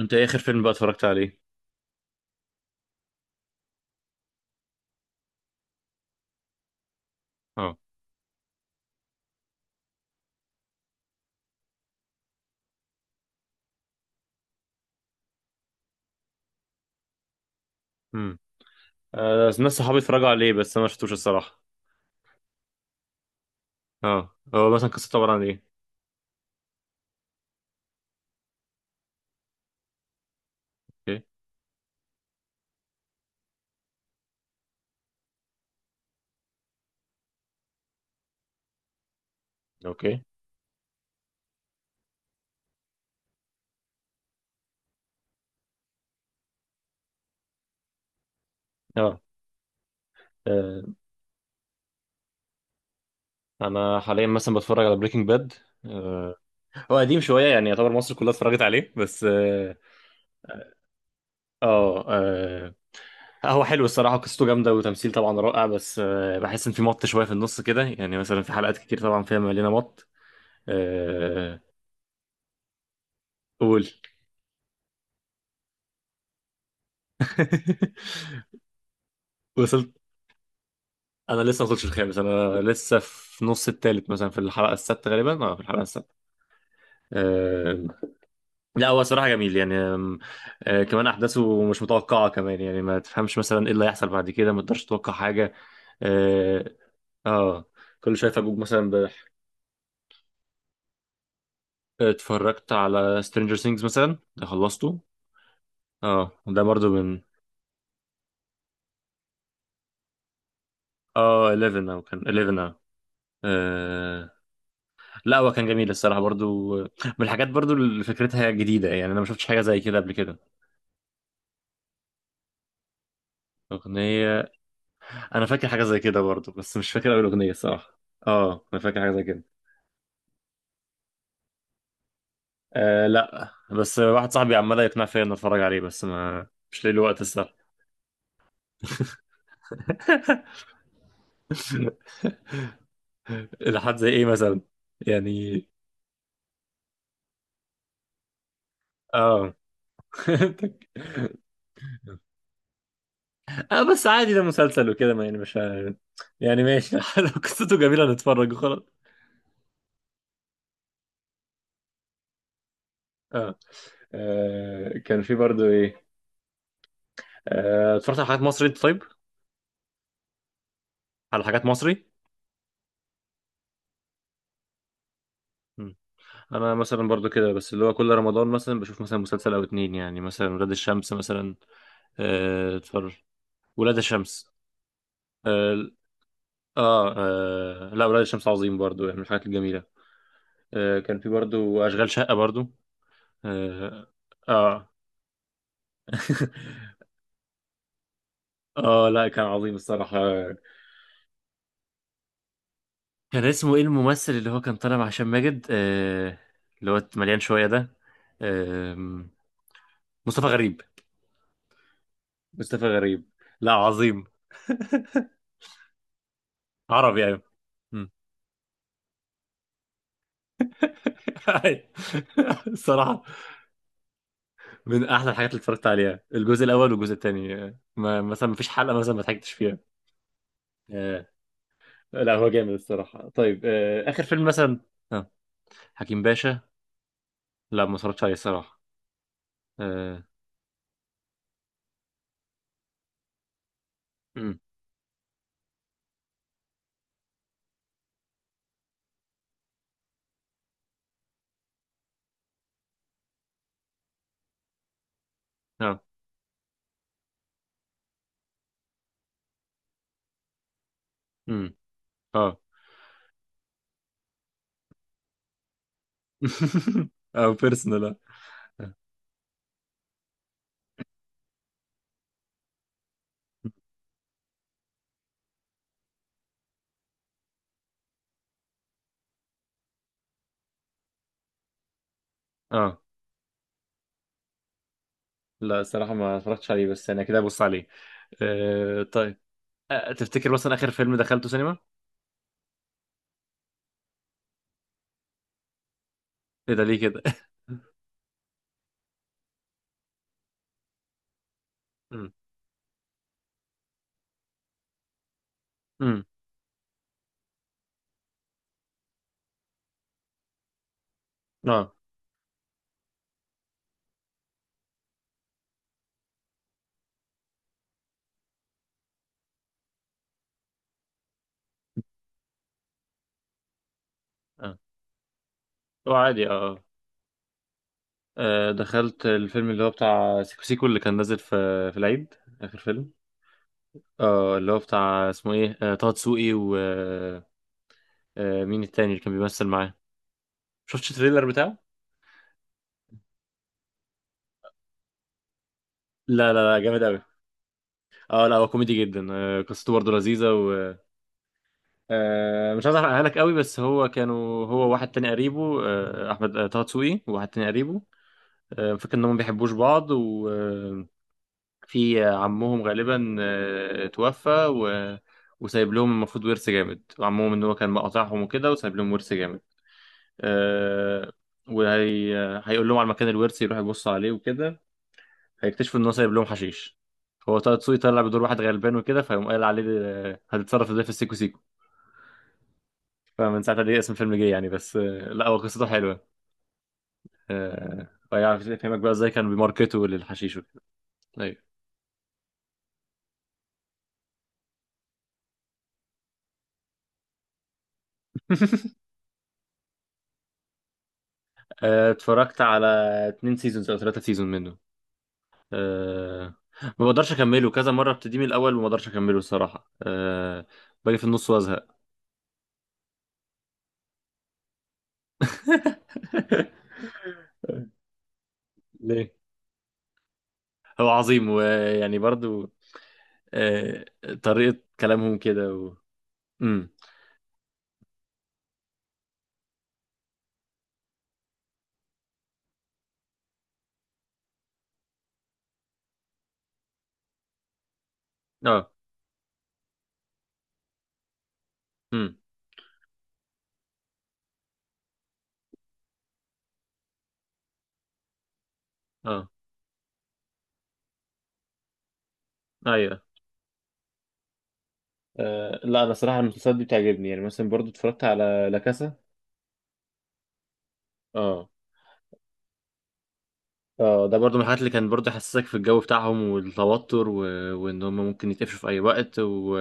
انت ايه اخر فيلم بقى اتفرجت عليه؟ اه. امم. آه، ناس صحابي اتفرجوا عليه بس انا ما شفتوش الصراحه. اه، هو مثلا قصته عباره عن ايه؟ اوكي. اوكي. اه. آه، انا حاليا مثلا بتفرج على بريكنج باد. آه هو قديم شويه يعني يعتبر مصر كلها اتفرجت عليه بس اه. اه، هو حلو الصراحه، قصته جامده وتمثيل طبعا رائع، بس بحس ان في مط شويه في النص كده، يعني مثلا في حلقات كتير طبعا فيها مليانه مط. آه. قول. وصلت. انا لسه ما وصلتش الخامس، انا لسه في نص التالت، مثلا في الحلقه السادسه غالبا، اه في الحلقه السادسه. آه، لا هو صراحه جميل يعني. آم، آه، كمان احداثه مش متوقعه كمان، يعني ما تفهمش مثلا ايه اللي هيحصل بعد كده، ما تقدرش تتوقع حاجه. اه، آه، كل شويه فجوج مثلا اتفرجت على سترينجر ثينجز مثلا، ده خلصته. اه، ده برضو من اه 11 او كان 11 اه. آه، لا هو كان جميل الصراحه، برضو من الحاجات برضو اللي فكرتها جديده يعني، انا ما شفتش حاجه زي كده قبل كده. اغنيه، انا فاكر حاجه زي كده برضه بس مش فاكر اول اغنيه الصراحه. اه انا فاكر حاجه زي كده. لا، بس واحد صاحبي عمال يقنع فيا اني اتفرج عليه، بس ما مش لاقي له وقت الصراحه. لحد زي ايه مثلا؟ يعني. اه. اه بس عادي ده مسلسل وكده، ما يعني مش يعني ماشي، لو قصته جميله نتفرج وخلاص. اه، كان في برضه ايه، اتفرجت على حاجات مصري انت طيب؟ على حاجات مصري. انا مثلا برضو كده، بس اللي هو كل رمضان مثلا بشوف مثلا مسلسل او اتنين، يعني مثلا ولاد الشمس مثلا. اتفرج. ولاد الشمس. اه، لا، ولاد الشمس عظيم برضو يعني، من الحاجات الجميلة. كان في برضو اشغال شقة برضو. اه، آه. اه لا كان عظيم الصراحة. كان اسمه ايه الممثل اللي هو كان طالع مع هشام ماجد، اللي هو مليان شوية ده؟ آه. مصطفى غريب. مصطفى غريب. لا عظيم. عربي يعني. أي. الصراحة من أحسن الحاجات اللي اتفرجت عليها، الجزء الأول والجزء الثاني. ما مثلا ما فيش حلقة مثلا ما ضحكتش فيها. آه. لا هو جامد الصراحة. طيب آخر فيلم مثلا؟ آه. حكيم باشا. لا ما اتفرجتش عليه الصراحة. آه. أمم. آه. أمم. آه. أو بيرسونال. آه. آه. لا الصراحة ما اتفرجتش عليه، بس أنا كده أبص عليه. طيب تفتكر مثلا آخر فيلم دخلته سينما؟ إيه ده ليه كده؟ أمم. أمم. آه. آه. هو عادي اه. دخلت الفيلم اللي هو بتاع سيكو سيكو اللي كان نازل في في العيد. آخر فيلم. اه اللي هو بتاع، اسمه ايه طه دسوقي و مين التاني اللي كان بيمثل معاه؟ شفتش التريلر بتاعه؟ لا لا لا جامد قوي. اه لا هو كوميدي جدا. قصته برضه لذيذة و مش عايز احرقها لك قوي، بس هو كانوا هو واحد تاني قريبه احمد طه دسوقي، وواحد تاني قريبه. فاكر انهم ما بيحبوش بعض، في عمهم غالبا توفى و... وسايب لهم المفروض ورث جامد، وعمهم ان هو كان مقاطعهم وكده وسايب لهم ورث جامد. آه، وهي هيقول لهم على مكان الورث، يروح يبص عليه وكده هيكتشفوا ان هو سايب لهم حشيش. فهو طه دسوقي طلع بدور واحد غلبان وكده، فيقوم قايل عليه هتتصرف ازاي في السيكو سيكو. فمن ساعتها دي اسم الفيلم جه يعني. بس آه، لا هو قصته حلوه. ويعرف يفهمك بقى ازاي كانوا بيماركتوا للحشيش وكده. أيوة. اتفرجت على اتنين سيزونز او ثلاثة سيزون منه. أه. ما بقدرش اكمله، كذا مره ابتدي من الاول وما بقدرش اكمله الصراحه. أه باجي في النص وازهق. ليه؟ هو عظيم ويعني برضو أه طريقه كلامهم كده و... امم. اه. امم. اه. ايوه. أه لا انا صراحه المسلسلات دي بتعجبني، يعني مثلا برضو اتفرجت على لا كاسا. اه. اه ده برضو من الحاجات اللي كان برضو يحسسك في الجو بتاعهم والتوتر و... وان هم ممكن يتقفشوا في اي وقت و...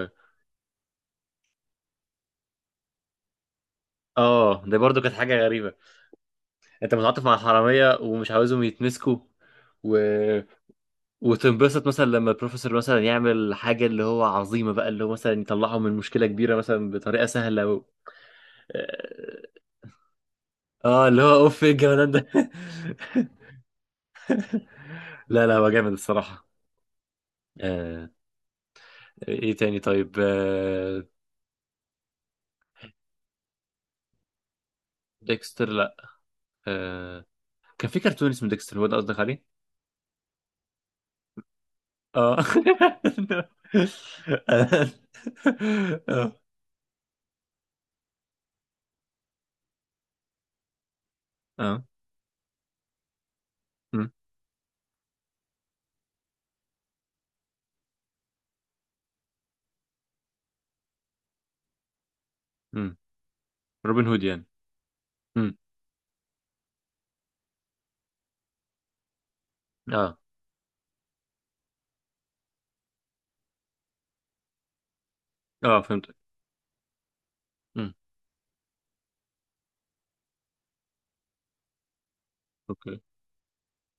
اه ده برضو كانت حاجه غريبه. انت متعاطف مع الحراميه ومش عاوزهم يتمسكوا و... وتنبسط مثلا لما البروفيسور مثلا يعمل حاجه اللي هو عظيمه بقى، اللي هو مثلا يطلعهم من مشكله كبيره مثلا بطريقه سهله و... اه، اللي هو اوف، ايه الجمدان ده. لا لا هو جامد الصراحه. آه. ايه تاني طيب آه؟ ديكستر؟ لا. آه. كان في كرتون اسمه ديكستر، هو ده قصدك عليه؟ اه. اه. اه. مم. مم. روبن هود يعني. اه. اه فهمتك. امم. اوكي.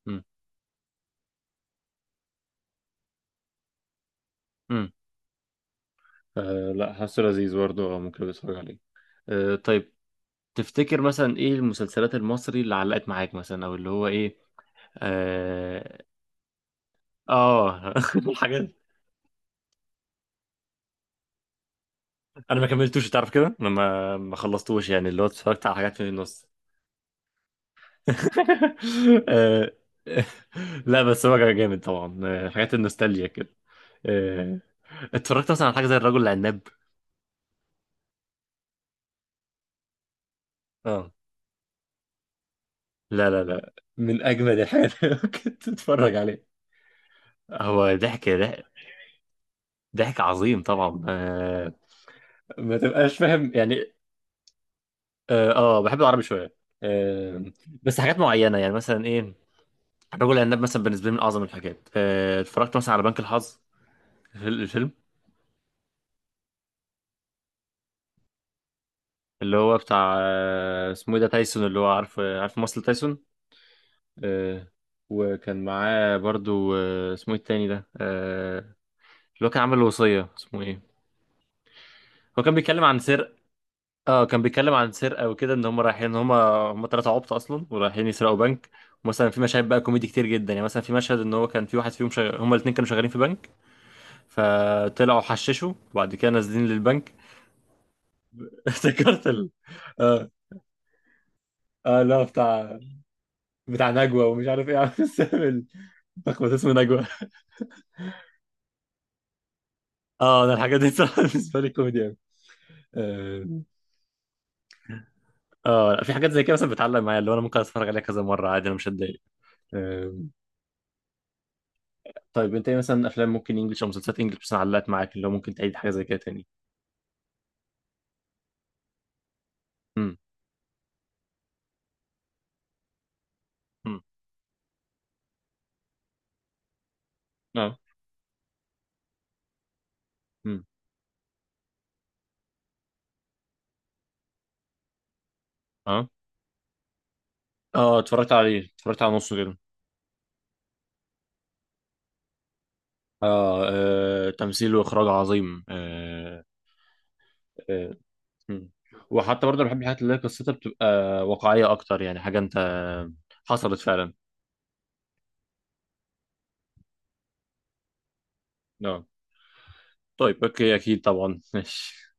امم. امم. آه لا حاسه لذيذ برضه، اه ممكن اتفرج عليه. آه طيب، تفتكر مثلا ايه المسلسلات المصري اللي علقت معاك مثلا او اللي هو ايه؟ اه، آه. الحاجات، انا ما كملتوش تعرف كده، انا ما خلصتوش يعني، اللي هو اتفرجت على حاجات في النص. آه لا بس هو كان جامد طبعا، حاجات النوستالجيا كده. آه. اتفرجت مثلا على حاجه زي الرجل العناب؟ اه لا لا لا من أجمد الحاجات اللي ممكن تتفرج عليها. هو ضحك ضحك ضحك عظيم طبعا. ما تبقاش فاهم يعني. آه، آه بحب العربي شوية. آه بس حاجات معينة. يعني مثلا ايه؟ الرجل العناب مثلا بالنسبة لي من أعظم الحاجات. اتفرجت مثلا على بنك الحظ، الفيلم. اللي هو بتاع اسمه ايه ده، تايسون، اللي هو عارف عارف ممثل تايسون. آه، وكان معاه برضو اسمه ايه التاني ده اللي هو كان عامل الوصية اسمه ايه. هو كان بيتكلم عن سر، اه كان بيتكلم عن سرقه وكده، ان هم رايحين، ان هم هم ثلاثه عبط اصلا ورايحين يسرقوا بنك. مثلا في مشاهد بقى كوميدي كتير جدا، يعني مثلا في مشهد ان هو كان في واحد فيهم هم الاثنين كانوا شغالين في بنك، فطلعوا حششوا وبعد كده نازلين للبنك. افتكرت ال... اه اه لا بتاع، بتاع نجوى ومش عارف ايه، عامل سامي، لخبط اسمه نجوى. اه انا الحاجات دي صراحه بالنسبه لي كوميدي قوي. اه، لا في حاجات زي كده مثلا بتعلق معايا، اللي هو انا ممكن اتفرج عليها كذا مره عادي انا مش هتضايق. آه، طيب انت ايه مثلا افلام ممكن انجلش او مسلسلات انجلش مثلا علقت معاك، اللي هو ممكن تعيد حاجه زي كده تاني؟ امم. امم. اه. امم. اه. اه اتفرجت عليه، اتفرجت على نصه كده. آه، اه تمثيل واخراج عظيم. آه، آه. مم. وحتى برضه بحب الحاجات اللي هي قصتها بتبقى واقعيه اكتر، يعني حاجه انت حصلت فعلا. اه طيب اوكي، اكيد طبعا. ماشي.